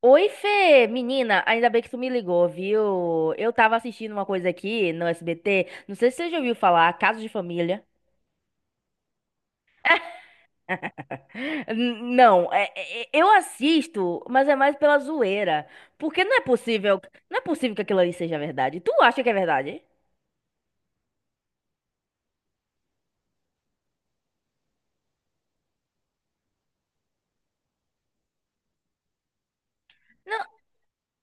Oi, Fê! Menina, ainda bem que tu me ligou, viu? Eu tava assistindo uma coisa aqui no SBT, não sei se você já ouviu falar, Casos de Família. Não, eu assisto, mas é mais pela zoeira. Porque não é possível, não é possível que aquilo ali seja verdade. Tu acha que é verdade?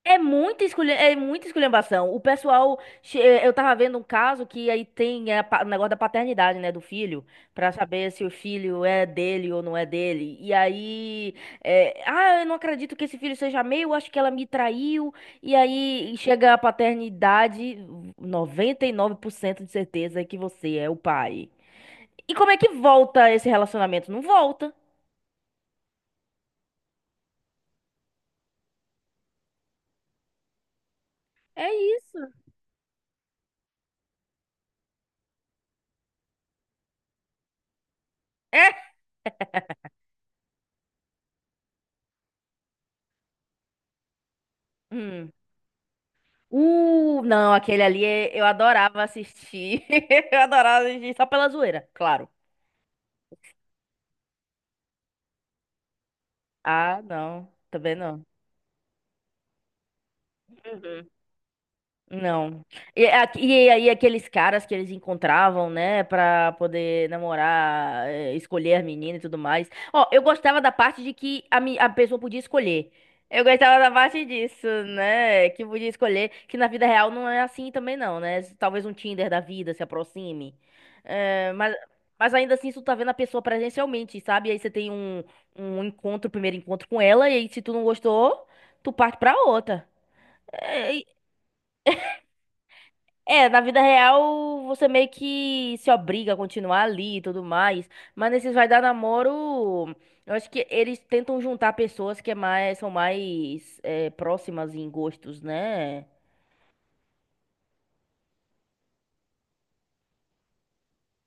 É muita esculha, é muita esculhambação. O pessoal, eu tava vendo um caso que aí tem o negócio da paternidade, né, do filho, pra saber se o filho é dele ou não é dele. E aí, eu não acredito que esse filho seja meu, acho que ela me traiu. E aí chega a paternidade, 99% de certeza que você é o pai. E como é que volta esse relacionamento? Não volta. É isso. É. Hum. Não, aquele ali eu adorava assistir. Eu adorava assistir só pela zoeira, claro. Ah, não, também não. Uhum. Não. E aí aqueles caras que eles encontravam, né, pra poder namorar, escolher a menina e tudo mais. Ó, eu gostava da parte de que a pessoa podia escolher. Eu gostava da parte disso, né, que podia escolher, que na vida real não é assim também não, né? Talvez um Tinder da vida se aproxime. Eh, mas, mas ainda assim, tu tá vendo a pessoa presencialmente, sabe? Aí você tem um encontro, primeiro encontro com ela, e aí se tu não gostou, tu parte pra outra. É, é, na vida real, você meio que se obriga a continuar ali e tudo mais. Mas nesses vai dar namoro, eu acho que eles tentam juntar pessoas que é mais, são mais próximas em gostos, né?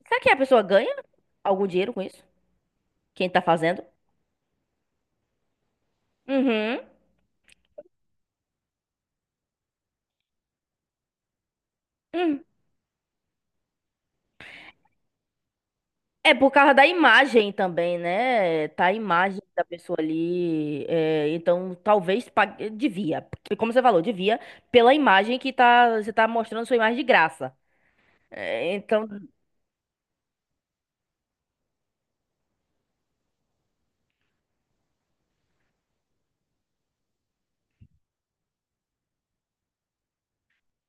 Será que a pessoa ganha algum dinheiro com isso? Quem tá fazendo? Uhum. Hum. É por causa da imagem também, né? Tá a imagem da pessoa ali. É, então, devia. Porque, como você falou, devia pela imagem que tá, você tá mostrando sua imagem de graça. É, então,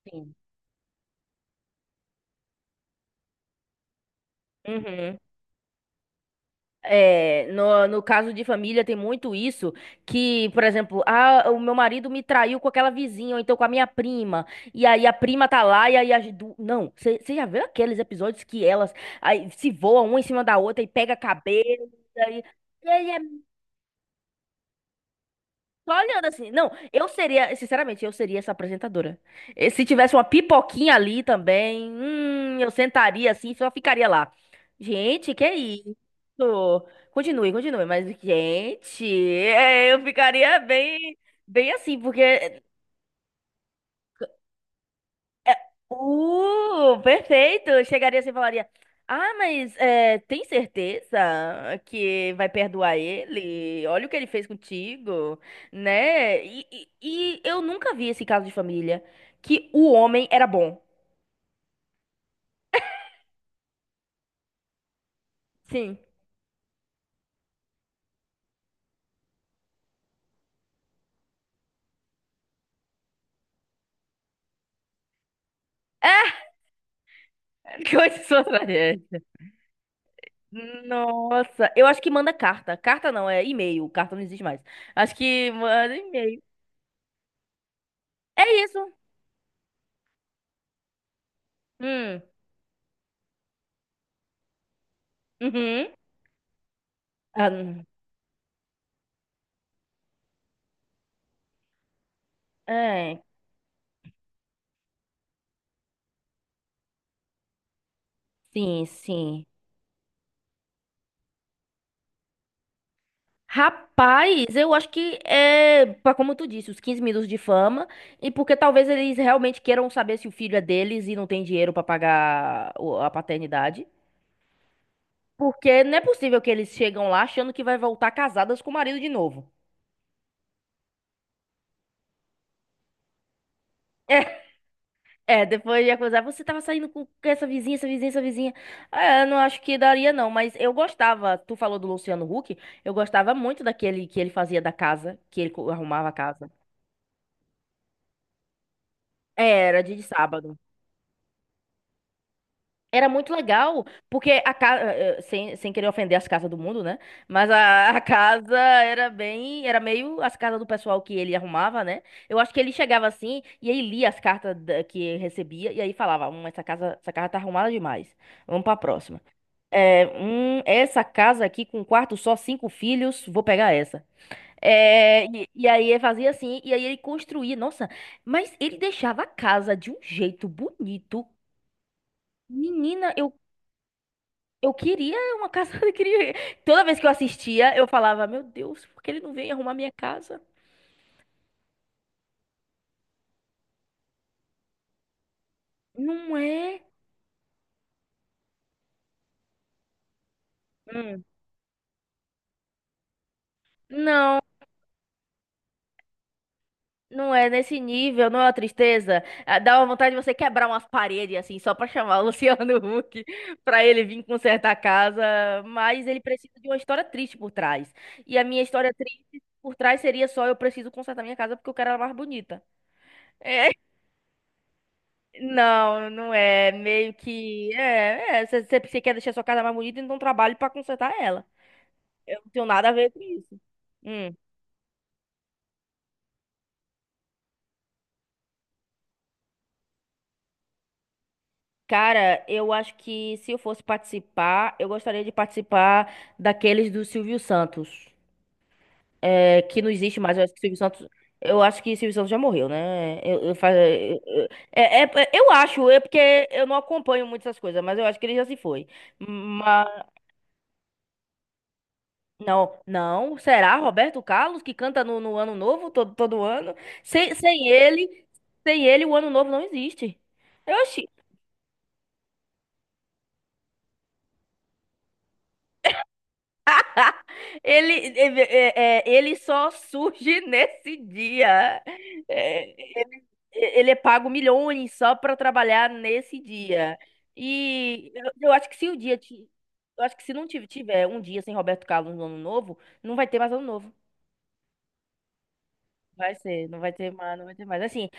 assim, uhum. É, no caso de família tem muito isso, que, por exemplo, ah, o meu marido me traiu com aquela vizinha, ou então com a minha prima, e aí a prima tá lá, Não, você já viu aqueles episódios que elas aí, se voam uma em cima da outra e pega cabelo, e e aí... é Só olhando assim. Não, eu seria, sinceramente, eu seria essa apresentadora. E se tivesse uma pipoquinha ali também, eu sentaria assim, só ficaria lá. Gente, que é isso? Continue, continue, mas gente, eu ficaria bem, bem assim, porque perfeito! Chegaria assim e falaria: Ah, tem certeza que vai perdoar ele? Olha o que ele fez contigo, né? E e eu nunca vi esse caso de família que o homem era bom. Sim. Coisa sua tragédia. Nossa, eu acho que manda carta. Carta não, é e-mail. Carta não existe mais. Acho que manda e-mail. É isso. Hum. Uhum. Ah. É. Sim, sim. Rapaz, eu acho que como tu disse, os 15 minutos de fama, e porque talvez eles realmente queiram saber se o filho é deles e não tem dinheiro pra pagar a paternidade. Porque não é possível que eles chegam lá achando que vai voltar casadas com o marido de novo. É, é, depois de acusar, você tava saindo com essa vizinha, essa vizinha, essa vizinha. É, eu não acho que daria não, mas eu gostava, tu falou do Luciano Huck, eu gostava muito daquele que ele fazia da casa, que arrumava a casa. É, era dia de sábado. Era muito legal, porque a casa, sem, sem querer ofender as casas do mundo, né? Mas a, a casa era bem, era meio as casas do pessoal que ele arrumava, né? Eu acho que ele chegava assim e aí lia as cartas que recebia e aí falava, essa casa tá arrumada demais. Vamos pra próxima. É, essa casa aqui com um quarto só, 5 filhos, vou pegar essa. É, e aí ele fazia assim, e aí ele construía, nossa, mas ele deixava a casa de um jeito bonito. Menina, eu queria uma casa, eu queria... Toda vez que eu assistia, eu falava, meu Deus, por que ele não vem arrumar minha casa? Não é? Hum. Não, não é nesse nível, não é uma tristeza. Ah, dá uma vontade de você quebrar umas paredes, assim, só pra chamar o Luciano Huck pra ele vir consertar a casa, mas ele precisa de uma história triste por trás. E a minha história triste por trás seria só eu preciso consertar minha casa porque eu quero ela mais bonita. É, não, não é. Meio que. É, é. Você quer deixar sua casa mais bonita, então trabalhe pra consertar ela. Eu não tenho nada a ver com isso. Hum. Cara, eu acho que se eu fosse participar, eu gostaria de participar daqueles do Silvio Santos. É, que não existe mais. Eu acho que Silvio Santos. Eu acho que Silvio Santos já morreu, né? Eu, fa- eu- é, é- Eu acho, é porque eu não acompanho muito essas coisas, mas eu acho que ele já se foi. Não, não. Será Roberto Carlos que canta no Ano Novo todo, todo ano? Sem, sem ele, sem ele o Ano Novo não existe. Oxi. Ele, ele, é- É, ele só surge nesse dia. É, Ele, ele é pago milhões só para trabalhar nesse dia. E eu acho que se o dia ti- Eu acho que se não tive- tiver um dia sem Roberto Carlos no Ano Novo, não vai ter mais Ano Novo. Vai ser, não vai ter mais, não vai ter mais. Assim,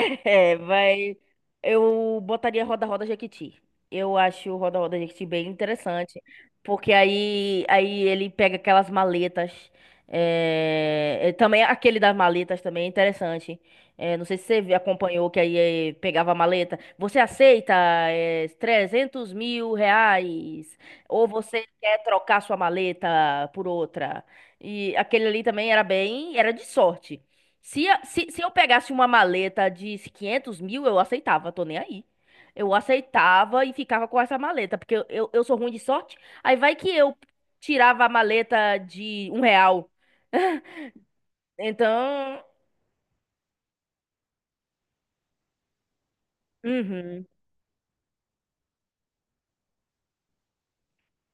é, vai. Eu botaria Roda Roda Jequiti. Eu acho o Roda Roda Jequiti bem interessante, porque aí ele pega aquelas maletas. É, é, também aquele das maletas também é interessante. É, não sei se você vi- acompanhou que pegava a maleta. Você aceita é, 300 mil reais? Ou você quer trocar sua maleta por outra? E aquele ali também era bem, era de sorte. Se, a- se, se eu pegasse uma maleta de 500 mil, eu aceitava, tô nem aí. Eu aceitava e ficava com essa maleta, porque eu sou ruim de sorte. Aí vai que eu tirava a maleta de um real. Então, uhum.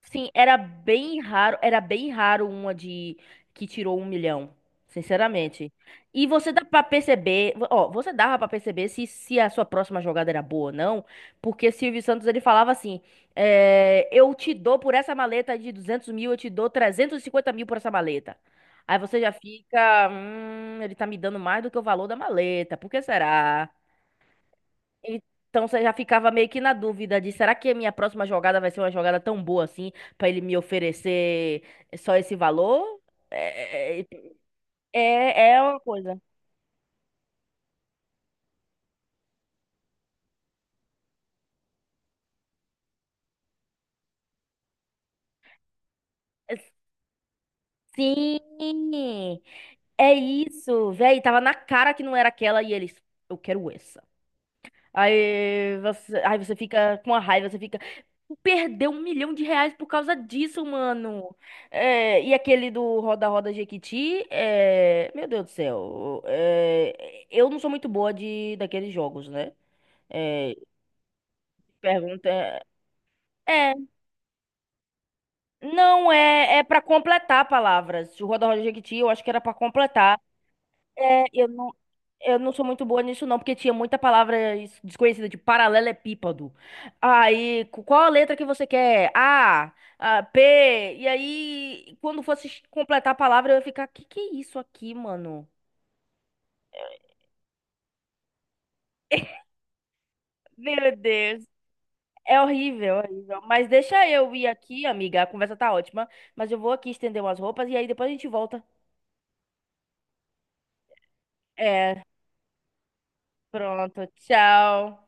Sim, era bem raro uma de que tirou 1 milhão, sinceramente. E você dá pra perceber, ó, você dava pra perceber se a sua próxima jogada era boa ou não, porque Silvio Santos ele falava assim, é, eu te dou por essa maleta de 200 mil, eu te dou 350 mil por essa maleta. Aí você já fica, ele tá me dando mais do que o valor da maleta, por que será? Então você já ficava meio que na dúvida de será que a minha próxima jogada vai ser uma jogada tão boa assim pra ele me oferecer só esse valor? É, é, é uma coisa. Sim, é isso, velho. Tava na cara que não era aquela e eles, eu quero essa. Aí você fica com a raiva, você fica. Perdeu 1 milhão de reais por causa disso, mano. É, e aquele do Roda Roda Jequiti, é, meu Deus do céu. É, eu não sou muito boa de daqueles jogos, né? É, pergunta. É, não é, é para completar palavras. O Roda Roda Jequiti, eu acho que era pra completar. É, eu não Eu não sou muito boa nisso, não, porque tinha muita palavra desconhecida, de paralelepípedo. Aí, qual a letra que você quer? P. E aí, quando fosse completar a palavra, eu ia ficar, que é isso aqui, mano? Meu Deus. É horrível, é horrível. Mas deixa eu ir aqui, amiga. A conversa tá ótima. Mas eu vou aqui estender umas roupas e aí depois a gente volta. É, pronto. Tchau.